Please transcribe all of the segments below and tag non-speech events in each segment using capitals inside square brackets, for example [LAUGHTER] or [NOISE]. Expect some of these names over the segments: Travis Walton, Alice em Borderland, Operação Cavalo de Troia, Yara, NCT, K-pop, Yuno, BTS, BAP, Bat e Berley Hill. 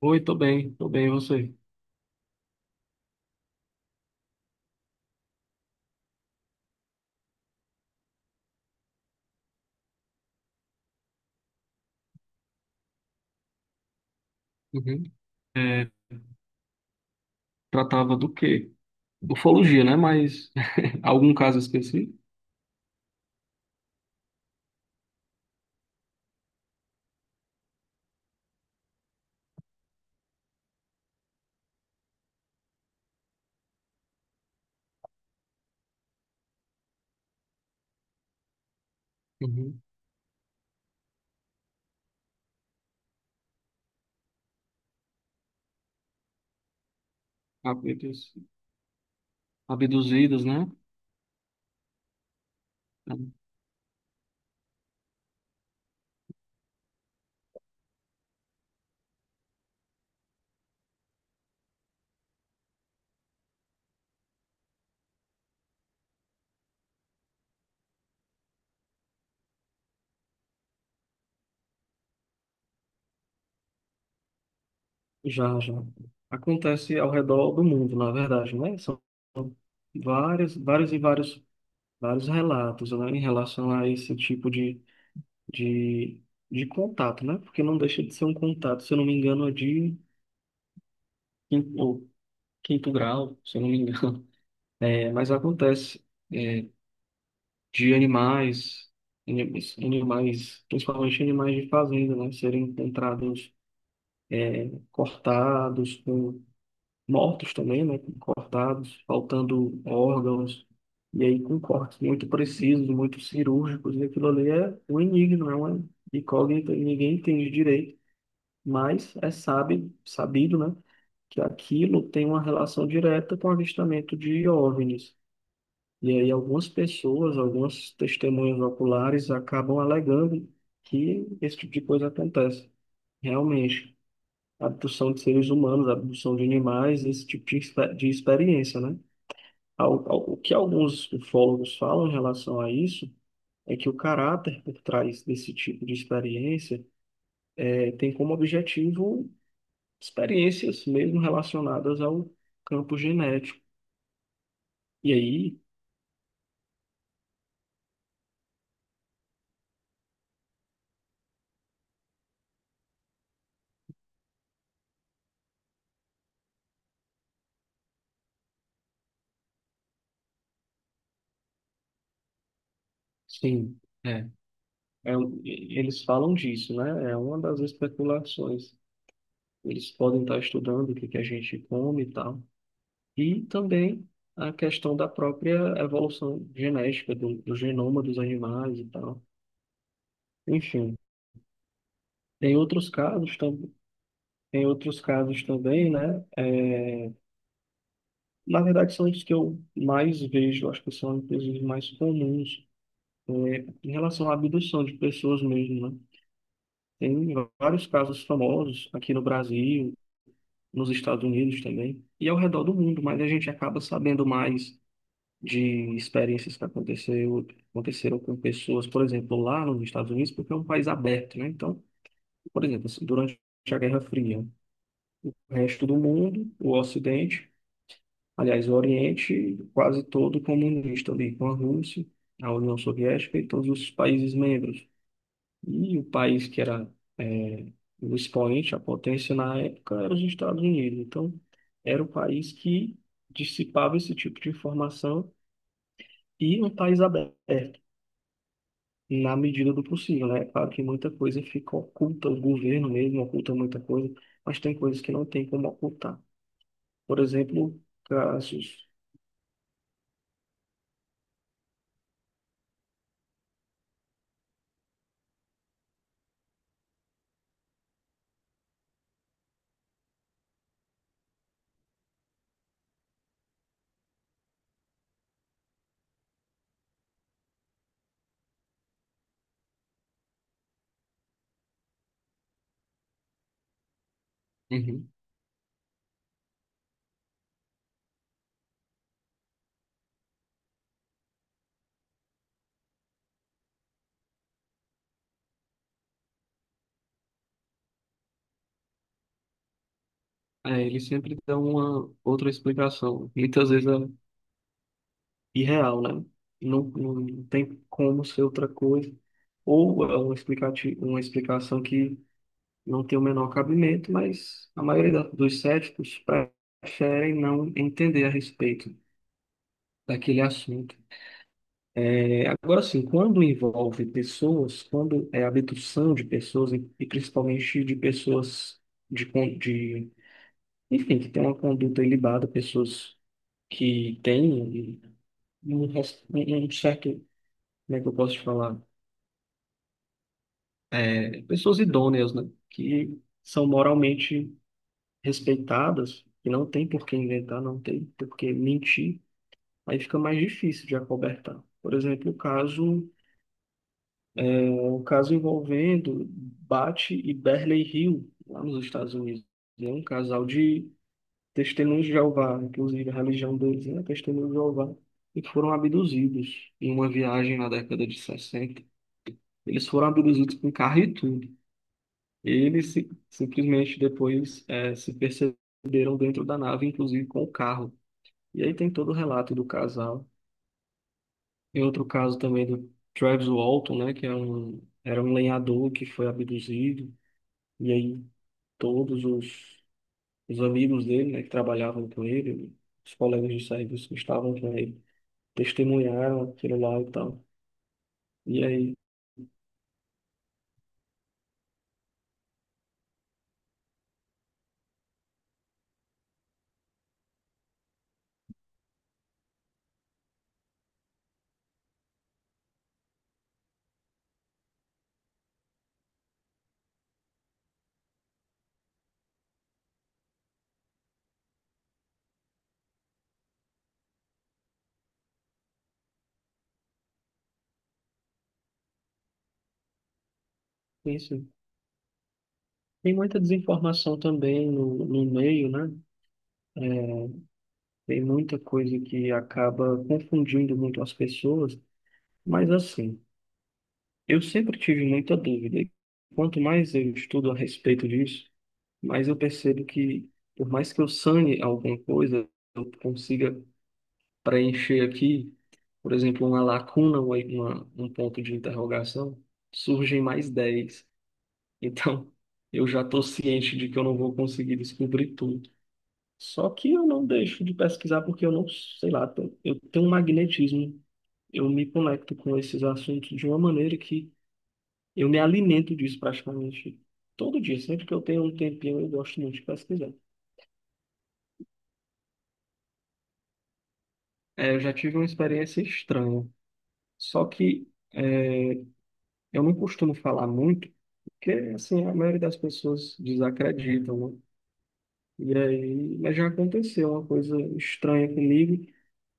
Oi, tô bem, e você? Uhum. É, tratava do quê? Ufologia, né? Mas [LAUGHS] algum caso específico? Uhum. Abduz- Abduzidos, né? Já, já. Acontece ao redor do mundo, na verdade, né? São vários, vários e vários, vários relatos, né, em relação a esse tipo de, de contato, né? Porque não deixa de ser um contato, se eu não me engano, é de quinto, ou quinto grau, se eu não me engano. [LAUGHS] É, mas acontece. é, de animais, animais, animais, principalmente animais de fazenda, né, serem encontrados cortados, com, mortos também, né, cortados, faltando órgãos, e aí com cortes muito precisos, muito cirúrgicos, e aquilo ali é um enigma, é uma incógnita, e ninguém entende direito, mas é sabe, sabido, né, que aquilo tem uma relação direta com o avistamento de OVNIs. E aí algumas pessoas, algumas testemunhas oculares acabam alegando que esse tipo de coisa acontece. Realmente, abdução de seres humanos, abdução de animais, esse tipo de, de experiência, né? O que alguns ufólogos falam em relação a isso é que o caráter por trás desse tipo de experiência tem como objetivo experiências mesmo relacionadas ao campo genético. E aí, sim. é, É, eles falam disso, né? É uma das especulações. Eles podem estar estudando o que que a gente come e tal. E também a questão da própria evolução genética do genoma dos animais e tal. Enfim, tem outros casos também. Tem outros casos também, né? É, na verdade, são os que eu mais vejo, acho que são inclusive mais comuns, é, em relação à abdução de pessoas mesmo, né? Tem vários casos famosos aqui no Brasil, nos Estados Unidos também, e ao redor do mundo, mas a gente acaba sabendo mais de experiências que aconteceu, aconteceram com pessoas, por exemplo, lá nos Estados Unidos, porque é um país aberto, né? Então, por exemplo, assim, durante a Guerra Fria, o resto do mundo, o Ocidente, aliás, o Oriente, quase todo comunista ali, com a Rússia, a União Soviética e todos os países membros. E o país que era é, o expoente, a potência na época, era os Estados Unidos. Então, era o país que dissipava esse tipo de informação e um país aberto, na medida do possível, né? É claro que muita coisa fica oculta, o governo mesmo oculta muita coisa, mas tem coisas que não tem como ocultar. Por exemplo, casos. Uhum. É, ele sempre dá uma outra explicação. Muitas vezes irreal, né? Não, não tem como ser outra coisa. Ou é um explicativo, uma explicação que não tem o menor cabimento, mas a maioria dos céticos preferem não entender a respeito daquele assunto. É, agora sim, quando envolve pessoas, quando é abdução de pessoas, e principalmente de pessoas de, de, enfim, que têm uma conduta ilibada, pessoas que têm um, um certo, como é que eu posso te falar? Pessoas idôneas, né, que são moralmente respeitadas e não tem por que inventar, não tem por que mentir, aí fica mais difícil de acobertar. Por exemplo, o caso, o caso envolvendo Bat e Berley Hill, lá nos Estados Unidos. É um casal de testemunhos de Jeová, inclusive a religião deles, né, testemunhos de Jeová, e que foram abduzidos em uma viagem na década de 60. Eles foram abduzidos com carro e tudo. E eles simplesmente depois se perceberam dentro da nave, inclusive com o carro. E aí tem todo o relato do casal. E outro caso também do Travis Walton, né, que é um, era um lenhador que foi abduzido. E aí todos os amigos dele, né, que trabalhavam com ele, os colegas de serviço que estavam com ele, testemunharam aquilo lá e tal. E aí, isso. Tem muita desinformação também no meio, né? Tem muita coisa que acaba confundindo muito as pessoas, mas assim, eu sempre tive muita dúvida. E quanto mais eu estudo a respeito disso, mais eu percebo que, por mais que eu sane alguma coisa, eu consiga preencher aqui, por exemplo, uma lacuna, uma, um ponto de interrogação, surgem mais dez. Então, eu já estou ciente de que eu não vou conseguir descobrir tudo. Só que eu não deixo de pesquisar porque eu não, sei lá, eu tenho um magnetismo. Eu me conecto com esses assuntos de uma maneira que eu me alimento disso praticamente todo dia. Sempre que eu tenho um tempinho, eu gosto muito de pesquisar. É, eu já tive uma experiência estranha. Só que é, eu não costumo falar muito, porque assim, a maioria das pessoas desacreditam, né? E aí, mas já aconteceu uma coisa estranha comigo.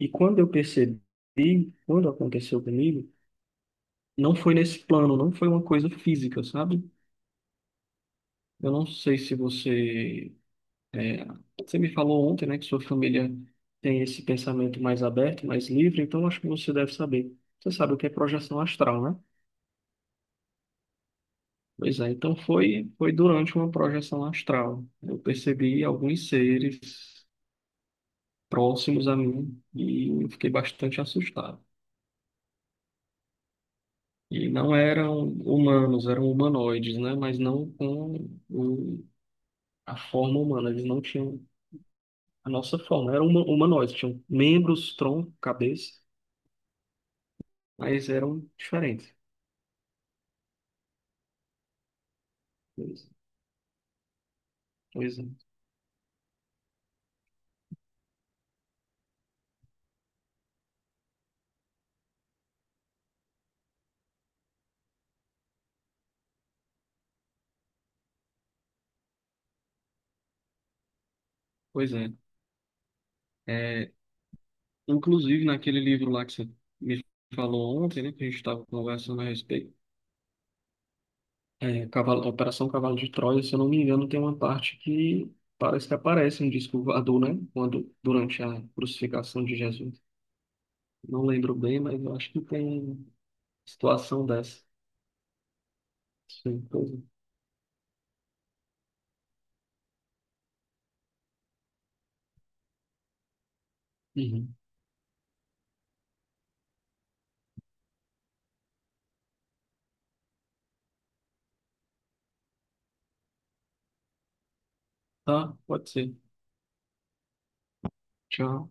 E quando eu percebi, quando aconteceu comigo, não foi nesse plano, não foi uma coisa física, sabe? Eu não sei se você. é, Você me falou ontem, né, que sua família tem esse pensamento mais aberto, mais livre, então acho que você deve saber. Você sabe o que é projeção astral, né? Pois é, então foi, foi durante uma projeção astral. Eu percebi alguns seres próximos a mim e eu fiquei bastante assustado. E não eram humanos, eram humanoides, né? Mas não com a forma humana. Eles não tinham a nossa forma, era uma humanoide, tinham membros, tronco, cabeça, mas eram diferentes. Pois é. Pois é. É, inclusive, naquele livro lá que você me falou ontem, né, que a gente estava conversando a respeito, é, Operação Cavalo de Troia, se eu não me engano, tem uma parte que parece que aparece um disco voador, né, quando, durante a crucificação de Jesus. Não lembro bem, mas eu acho que tem situação dessa. Sim, pois é. Uhum. Tá, pode ser. Tchau.